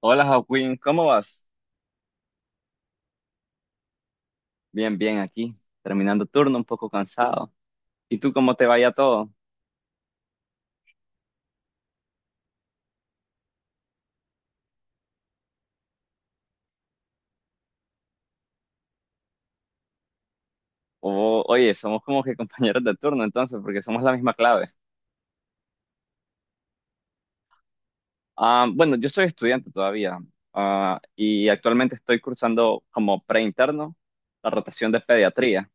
Hola Joaquín, ¿cómo vas? Bien, bien aquí, terminando turno, un poco cansado. ¿Y tú cómo te vaya todo? Oye, somos como que compañeros de turno entonces, porque somos la misma clave. Ah, bueno, yo soy estudiante todavía, y actualmente estoy cursando como preinterno la rotación de pediatría.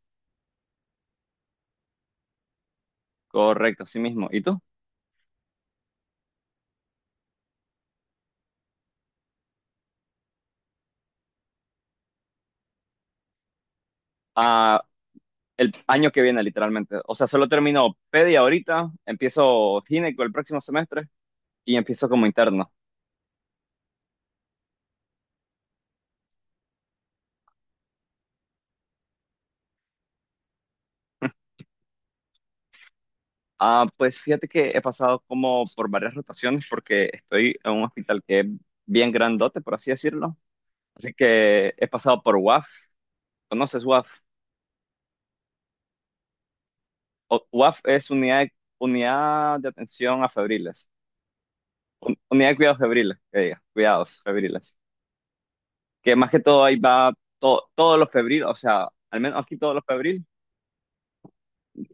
Correcto, así mismo. ¿Y tú? Ah, el año que viene literalmente. O sea, solo termino pedia ahorita, empiezo gineco el próximo semestre y empiezo como interno. Ah, pues fíjate que he pasado como por varias rotaciones porque estoy en un hospital que es bien grandote, por así decirlo. Así que he pasado por UAF. ¿Conoces UAF? UAF es unidad de atención a febriles. Unidad de cuidados febriles, que diga, cuidados febriles. Que más que todo ahí va todos los febriles, o sea, al menos aquí todos los febriles.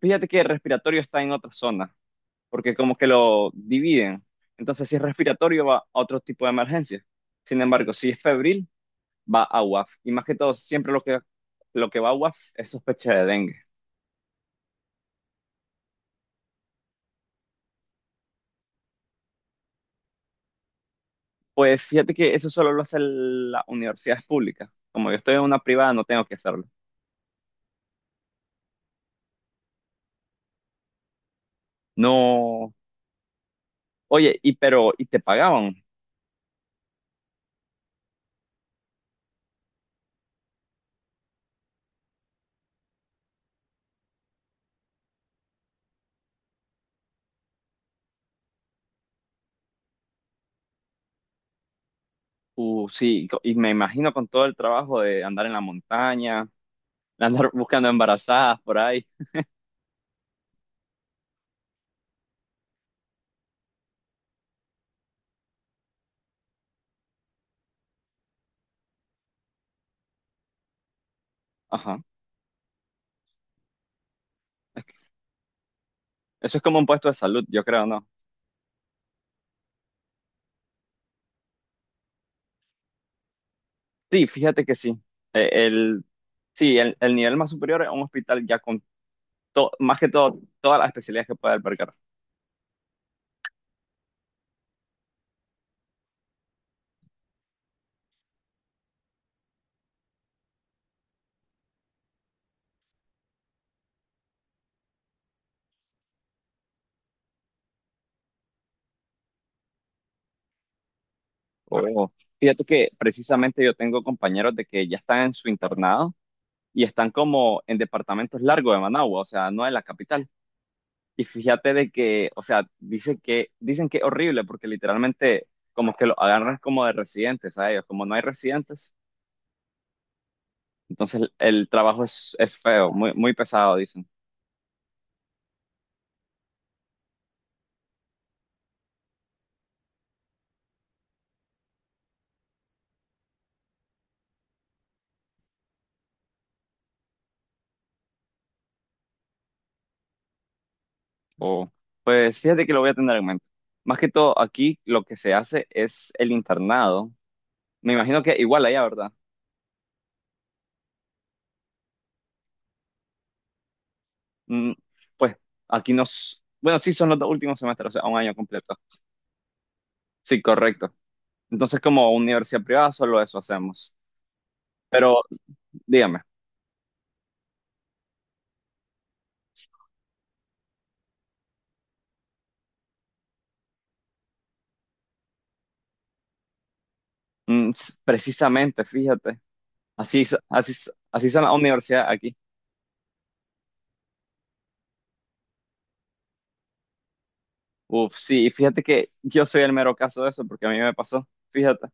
Fíjate que el respiratorio está en otra zona, porque como que lo dividen. Entonces, si es respiratorio, va a otro tipo de emergencia. Sin embargo, si es febril, va a UAF. Y más que todo, siempre lo que va a UAF es sospecha de dengue. Pues fíjate que eso solo lo hace las universidades públicas. Como yo estoy en una privada, no tengo que hacerlo. No. Oye, y pero, ¿y te pagaban? Sí, y me imagino con todo el trabajo de andar en la montaña, de andar buscando embarazadas por ahí. Ajá. Eso es como un puesto de salud, yo creo, ¿no? Sí, fíjate que sí. Eh, El, Sí, el nivel más superior es un hospital ya con más que todo, todas las especialidades que puede albergar. O, Fíjate que precisamente yo tengo compañeros de que ya están en su internado y están como en departamentos largos de Managua, o sea, no en la capital. Y fíjate de que, o sea, dice que, dicen que es horrible porque literalmente como que lo agarran como de residentes a ellos, como no hay residentes, entonces el trabajo es feo, muy, muy pesado. O, pues fíjate que lo voy a tener en mente. Más que todo, aquí lo que se hace es el internado. Me imagino que igual allá, ¿verdad? Mm, pues aquí nos... Bueno, sí, son los dos últimos semestres, o sea, un año completo. Sí, correcto. Entonces, como universidad privada, solo eso hacemos. Pero dígame, precisamente, fíjate, así, así, así son las universidades aquí. Uf, sí, y fíjate que yo soy el mero caso de eso, porque a mí me pasó, fíjate.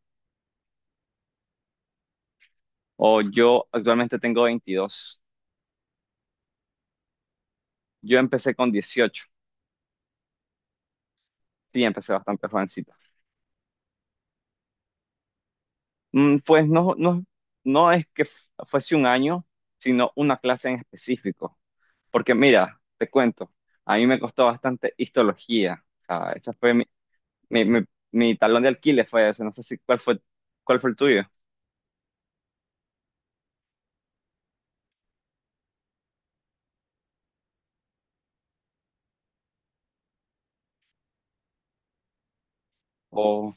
O Yo actualmente tengo 22. Yo empecé con 18. Sí, empecé bastante jovencito. Pues no, no, no es que fuese un año, sino una clase en específico. Porque mira, te cuento, a mí me costó bastante histología. O sea, esa fue mi, mi, mi- mi talón de alquiler fue ese. No sé si cuál fue, cuál fue el tuyo. O,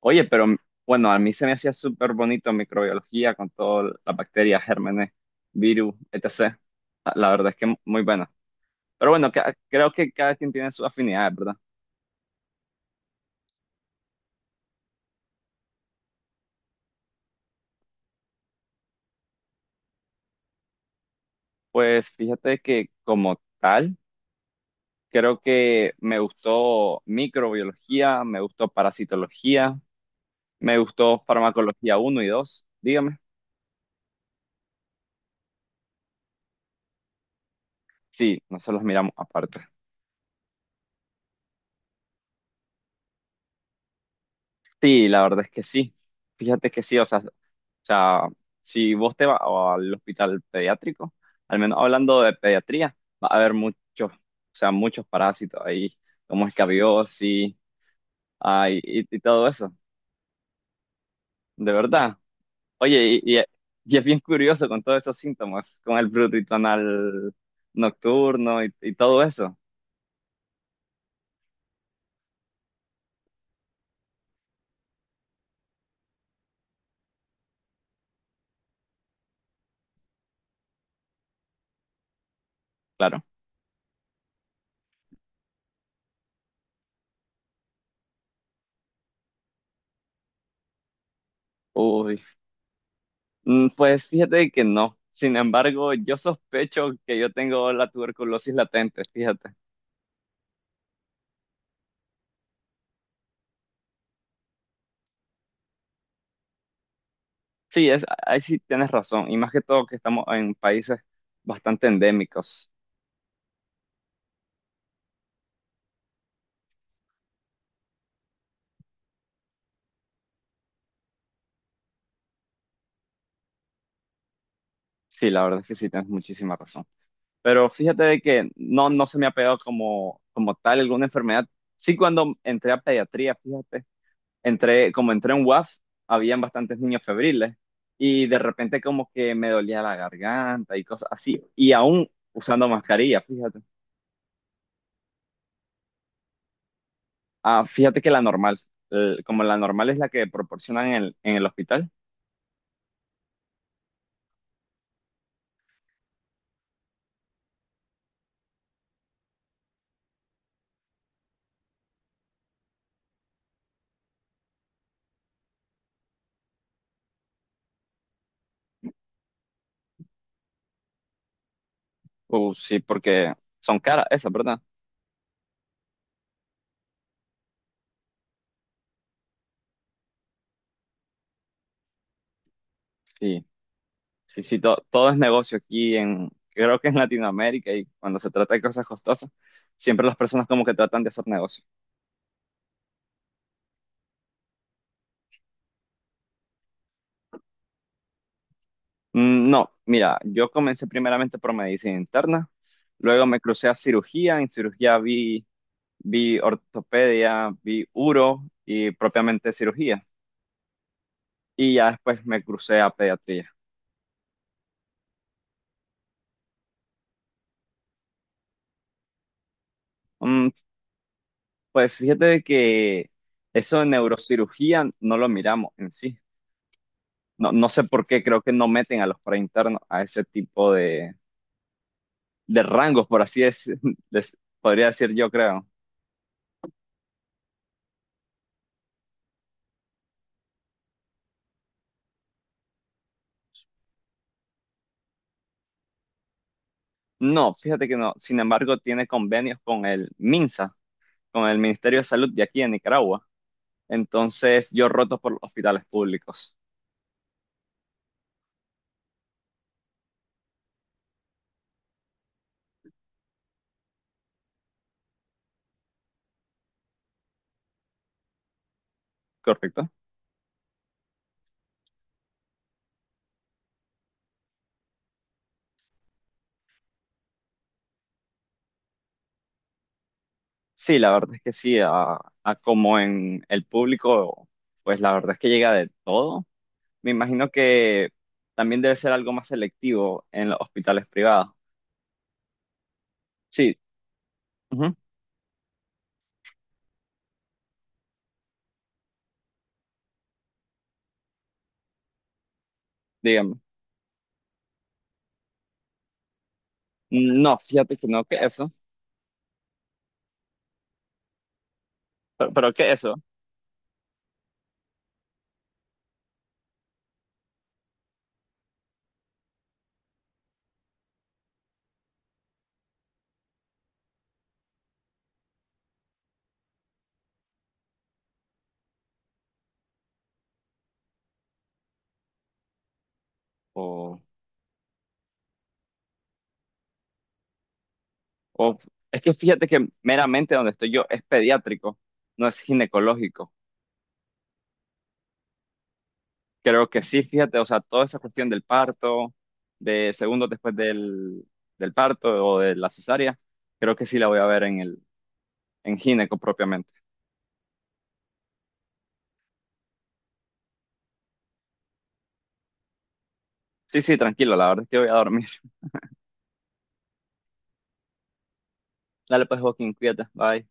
Oye, pero bueno, a mí se me hacía súper bonito microbiología con todas las bacterias, gérmenes, virus, etc. La verdad es que muy buena. Pero bueno, creo que cada quien tiene sus afinidades, ¿verdad? Pues fíjate que como tal, creo que me gustó microbiología, me gustó parasitología, me gustó farmacología uno y 2. Dígame. Sí, nosotros las miramos aparte. Sí, la verdad es que sí. Fíjate que sí, o sea, sea, si vos te vas al hospital pediátrico, al menos hablando de pediatría, va a haber muchos, o sea, muchos parásitos ahí, como escabiosis, ay, y todo eso, de verdad. Oye, y es bien curioso con todos esos síntomas, con el prurito anal nocturno y todo eso, claro. Uy, pues fíjate que no. Sin embargo, yo sospecho que yo tengo la tuberculosis latente, fíjate. Sí, es, ahí sí tienes razón, y más que todo que estamos en países bastante endémicos. Sí, la verdad es que sí tienes muchísima razón. Pero fíjate de que no, se me ha pegado como, como tal alguna enfermedad. Sí, cuando entré a pediatría, fíjate. Entré, como entré en WAF, habían bastantes niños febriles y de repente como que me dolía la garganta y cosas así. Y aún usando mascarilla, fíjate. Ah, fíjate que la normal, como la normal es la que proporcionan en el hospital. Sí, porque son caras esas, ¿verdad? Sí, sí, sí, todo es negocio aquí en, creo que en Latinoamérica y cuando se trata de cosas costosas, siempre las personas como que tratan de hacer negocio. No, mira, yo comencé primeramente por medicina interna, luego me crucé a cirugía, en cirugía vi ortopedia, vi uro y propiamente cirugía, y ya después me crucé a pediatría. Mm, pues fíjate de que eso de neurocirugía no lo miramos en sí, no, no sé por qué, creo que no meten a los preinternos a ese tipo de rangos, por así es, les podría decir yo creo. No, fíjate que no, sin embargo tiene convenios con el MINSA, con el Ministerio de Salud de aquí en Nicaragua. Entonces yo roto por los hospitales públicos, ¿correcto? Sí, la verdad es que sí, a como en el público, pues la verdad es que llega de todo. Me imagino que también debe ser algo más selectivo en los hospitales privados. Sí, ujú, dígame. No, fíjate que no, que eso, pero que eso. O, o- es que fíjate que meramente donde estoy yo es pediátrico, no es ginecológico. Creo que sí, fíjate, o sea, toda esa cuestión del parto, de segundos después del parto o de la cesárea, creo que sí la voy a ver en el en gineco propiamente. Sí, sí, tranquilo, la verdad es que voy a dormir. Dale pues, Joaquín, cuídate, bye.